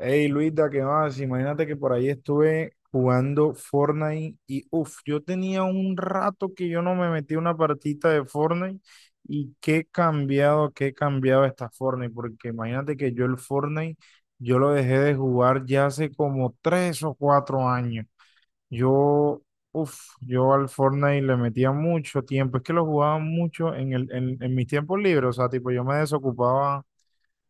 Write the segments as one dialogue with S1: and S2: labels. S1: Hey Luisa, ¿qué más? Imagínate que por ahí estuve jugando Fortnite y yo tenía un rato que yo no me metí a una partita de Fortnite y qué cambiado está Fortnite, porque imagínate que yo el Fortnite, yo lo dejé de jugar ya hace como 3 o 4 años. Yo, yo al Fortnite le metía mucho tiempo, es que lo jugaba mucho en mis tiempos libres, o sea, tipo, yo me desocupaba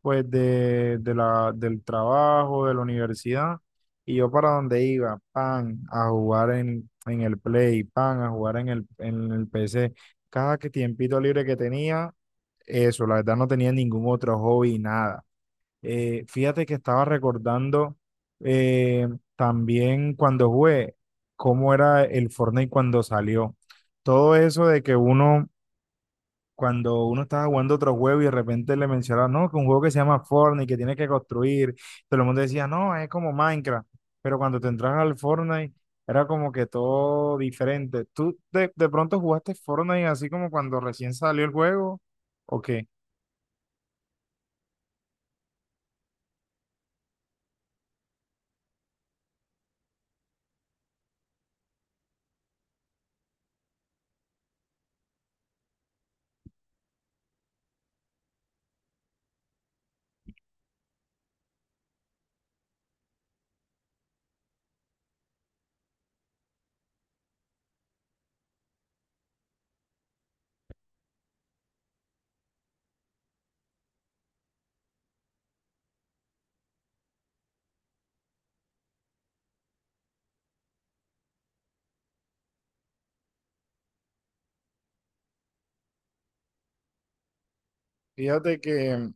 S1: pues del trabajo, de la universidad, y yo para donde iba, pan, a jugar en el Play, pan, a jugar en el PC. Cada que tiempito libre que tenía, eso, la verdad no tenía ningún otro hobby, nada. Fíjate que estaba recordando eh, también cuando jugué, cómo era el Fortnite cuando salió. Todo eso de que uno cuando uno estaba jugando otro juego y de repente le mencionaron, no, que un juego que se llama Fortnite, que tienes que construir, todo el mundo decía, no, es como Minecraft, pero cuando te entras al Fortnite era como que todo diferente. ¿Tú de pronto jugaste Fortnite así como cuando recién salió el juego o qué? Fíjate que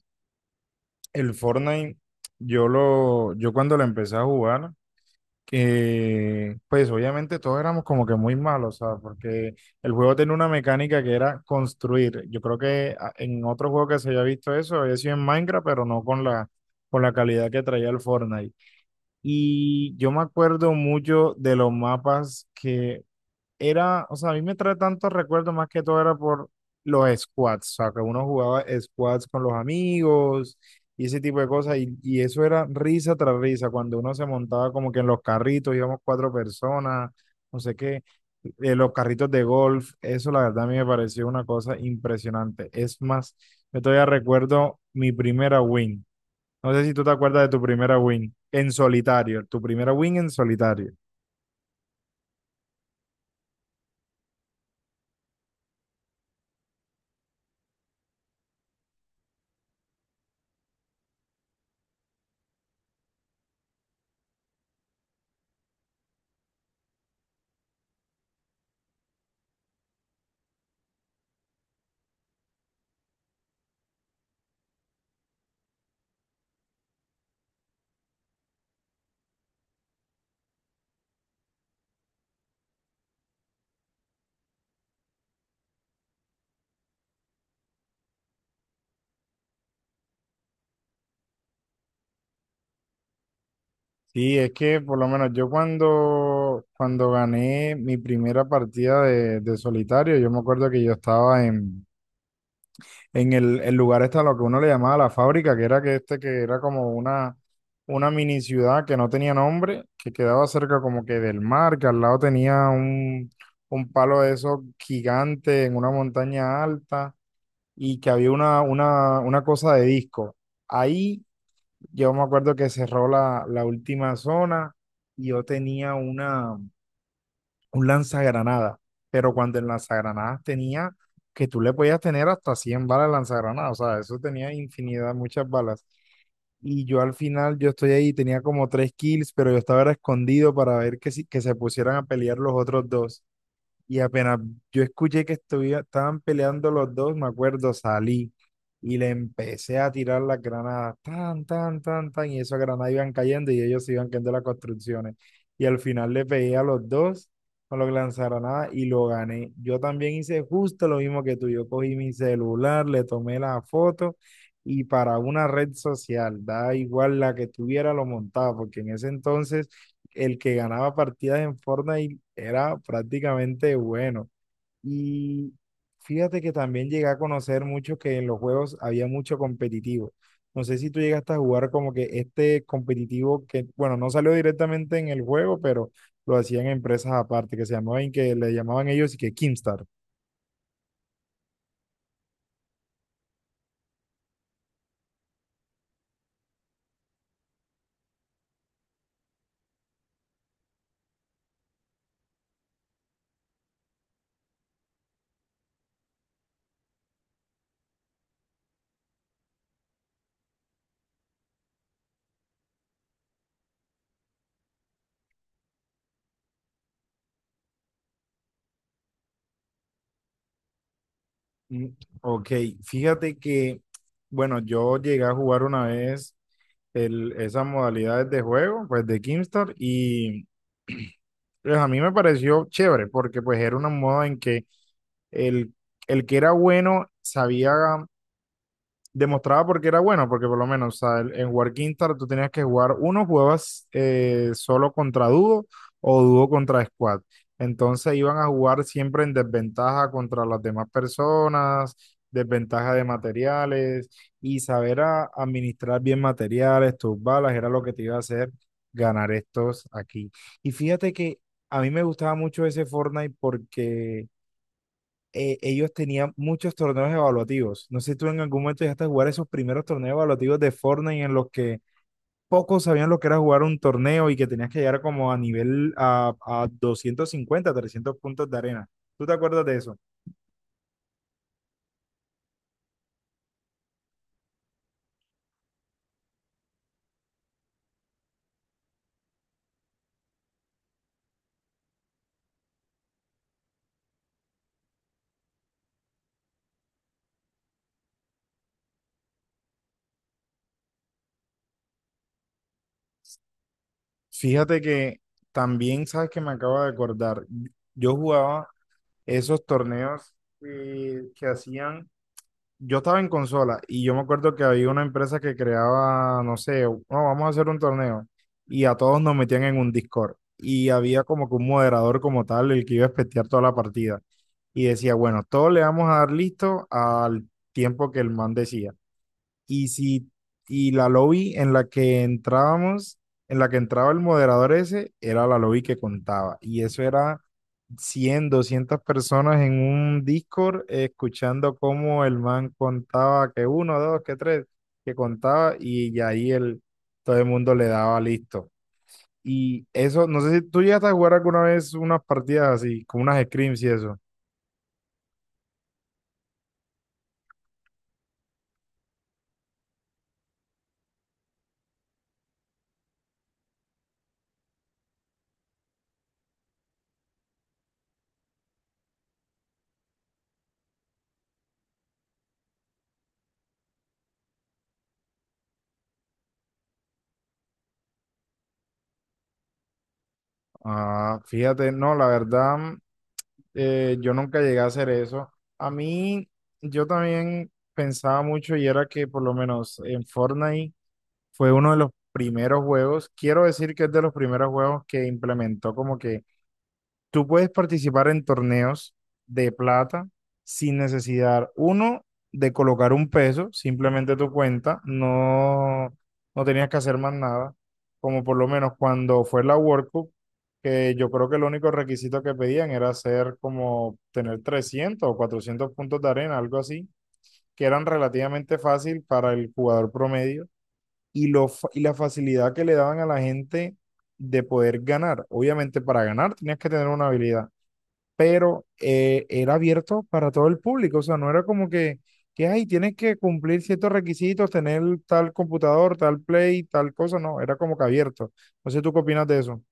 S1: el Fortnite, yo cuando lo empecé a jugar, que pues obviamente todos éramos como que muy malos, ¿sabes? Porque el juego tenía una mecánica que era construir. Yo creo que en otro juego que se haya visto eso había sido en Minecraft, pero no con la calidad que traía el Fortnite. Y yo me acuerdo mucho de los mapas que era, o sea, a mí me trae tantos recuerdos más que todo era por los squads, o sea, que uno jugaba squads con los amigos y ese tipo de cosas, y eso era risa tras risa, cuando uno se montaba como que en los carritos, íbamos cuatro personas, no sé qué, los carritos de golf, eso la verdad a mí me pareció una cosa impresionante. Es más, yo todavía recuerdo mi primera win. No sé si tú te acuerdas de tu primera win en solitario, tu primera win en solitario. Sí, es que por lo menos yo cuando gané mi primera partida de solitario, yo me acuerdo que yo estaba en el lugar este, lo que uno le llamaba la fábrica, que era que este, que era como una mini ciudad que no tenía nombre, que quedaba cerca como que del mar, que al lado tenía un palo de esos gigante en una montaña alta y que había una cosa de disco. Ahí yo me acuerdo que cerró la última zona y yo tenía un lanzagranadas, pero cuando el lanzagranadas tenía que tú le podías tener hasta 100 balas de lanzagranadas, o sea, eso tenía infinidad, muchas balas. Y yo al final, yo estoy ahí, tenía como tres kills, pero yo estaba era escondido para ver que, si, que se pusieran a pelear los otros dos. Y apenas yo escuché que estaban peleando los dos, me acuerdo, salí y le empecé a tirar las granadas, tan, tan, tan, tan, y esas granadas iban cayendo y ellos se iban cayendo las construcciones. Y al final le pegué a los dos con los lanzagranadas y lo gané. Yo también hice justo lo mismo que tú. Yo cogí mi celular, le tomé la foto y para una red social, da igual la que tuviera, lo montaba, porque en ese entonces el que ganaba partidas en Fortnite era prácticamente bueno. Y fíjate que también llegué a conocer mucho que en los juegos había mucho competitivo. No sé si tú llegaste a jugar como que este competitivo que, bueno, no salió directamente en el juego, pero lo hacían empresas aparte, que se llamaban, que le llamaban ellos y que Kimstar. Mm, ok, fíjate que, bueno, yo llegué a jugar una vez el, esas modalidades de juego, pues de Kimstar, y pues a mí me pareció chévere porque pues era una moda en que el, el que era bueno sabía demostraba porque era bueno, porque por lo menos, o sea, en War Quintar tú tenías que jugar uno, jugabas solo contra dúo o dúo contra squad. Entonces iban a jugar siempre en desventaja contra las demás personas, desventaja de materiales y saber administrar bien materiales, tus balas, era lo que te iba a hacer ganar estos aquí. Y fíjate que a mí me gustaba mucho ese Fortnite porque ellos tenían muchos torneos evaluativos. No sé si tú en algún momento llegaste a jugar esos primeros torneos evaluativos de Fortnite en los que pocos sabían lo que era jugar un torneo y que tenías que llegar como a nivel a 250, 300 puntos de arena. ¿Tú te acuerdas de eso? Fíjate que también, sabes que me acabo de acordar, yo jugaba esos torneos que hacían yo estaba en consola y yo me acuerdo que había una empresa que creaba, no sé, no, vamos a hacer un torneo y a todos nos metían en un Discord y había como que un moderador como tal el que iba a espetear toda la partida y decía, bueno, todos le vamos a dar listo al tiempo que el man decía y si y la lobby en la que entrábamos, en la que entraba el moderador ese, era la lobby que contaba y eso era 100 200 personas en un Discord escuchando cómo el man contaba que uno, dos, que tres, que contaba ya ahí el, todo el mundo le daba listo. Y eso, no sé si tú llegaste a jugar alguna vez unas partidas así, como unas scrims y eso. Ah, fíjate, no, la verdad, yo nunca llegué a hacer eso. A mí, yo también pensaba mucho y era que por lo menos en Fortnite fue uno de los primeros juegos, quiero decir que es de los primeros juegos que implementó como que tú puedes participar en torneos de plata sin necesidad, uno, de colocar un peso, simplemente tu cuenta, no, no tenías que hacer más nada, como por lo menos cuando fue la World Cup, que yo creo que el único requisito que pedían era hacer como tener 300 o 400 puntos de arena, algo así, que eran relativamente fácil para el jugador promedio y la facilidad que le daban a la gente de poder ganar. Obviamente para ganar tenías que tener una habilidad, pero era abierto para todo el público, o sea, no era como que, ay, tienes que cumplir ciertos requisitos, tener tal computador, tal play, tal cosa, no, era como que abierto. No sé, ¿tú qué opinas de eso?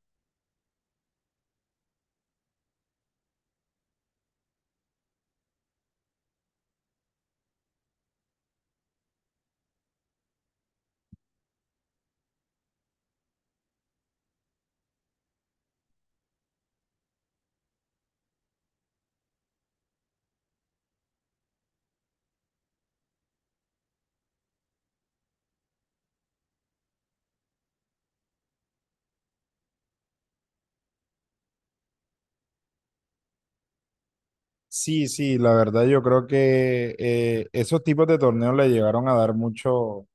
S1: Sí, sí, la verdad yo creo que esos tipos de torneos le llegaron a dar mucho,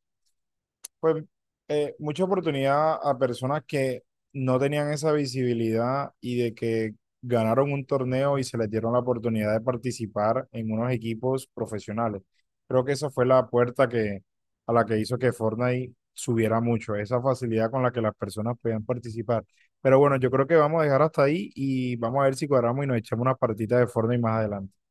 S1: pues mucha oportunidad a personas que no tenían esa visibilidad y de que ganaron un torneo y se les dieron la oportunidad de participar en unos equipos profesionales. Creo que esa fue la puerta que, a la que hizo que Fortnite subiera mucho, esa facilidad con la que las personas podían participar. Pero bueno, yo creo que vamos a dejar hasta ahí y vamos a ver si cuadramos y nos echamos una partita de Fortnite más adelante.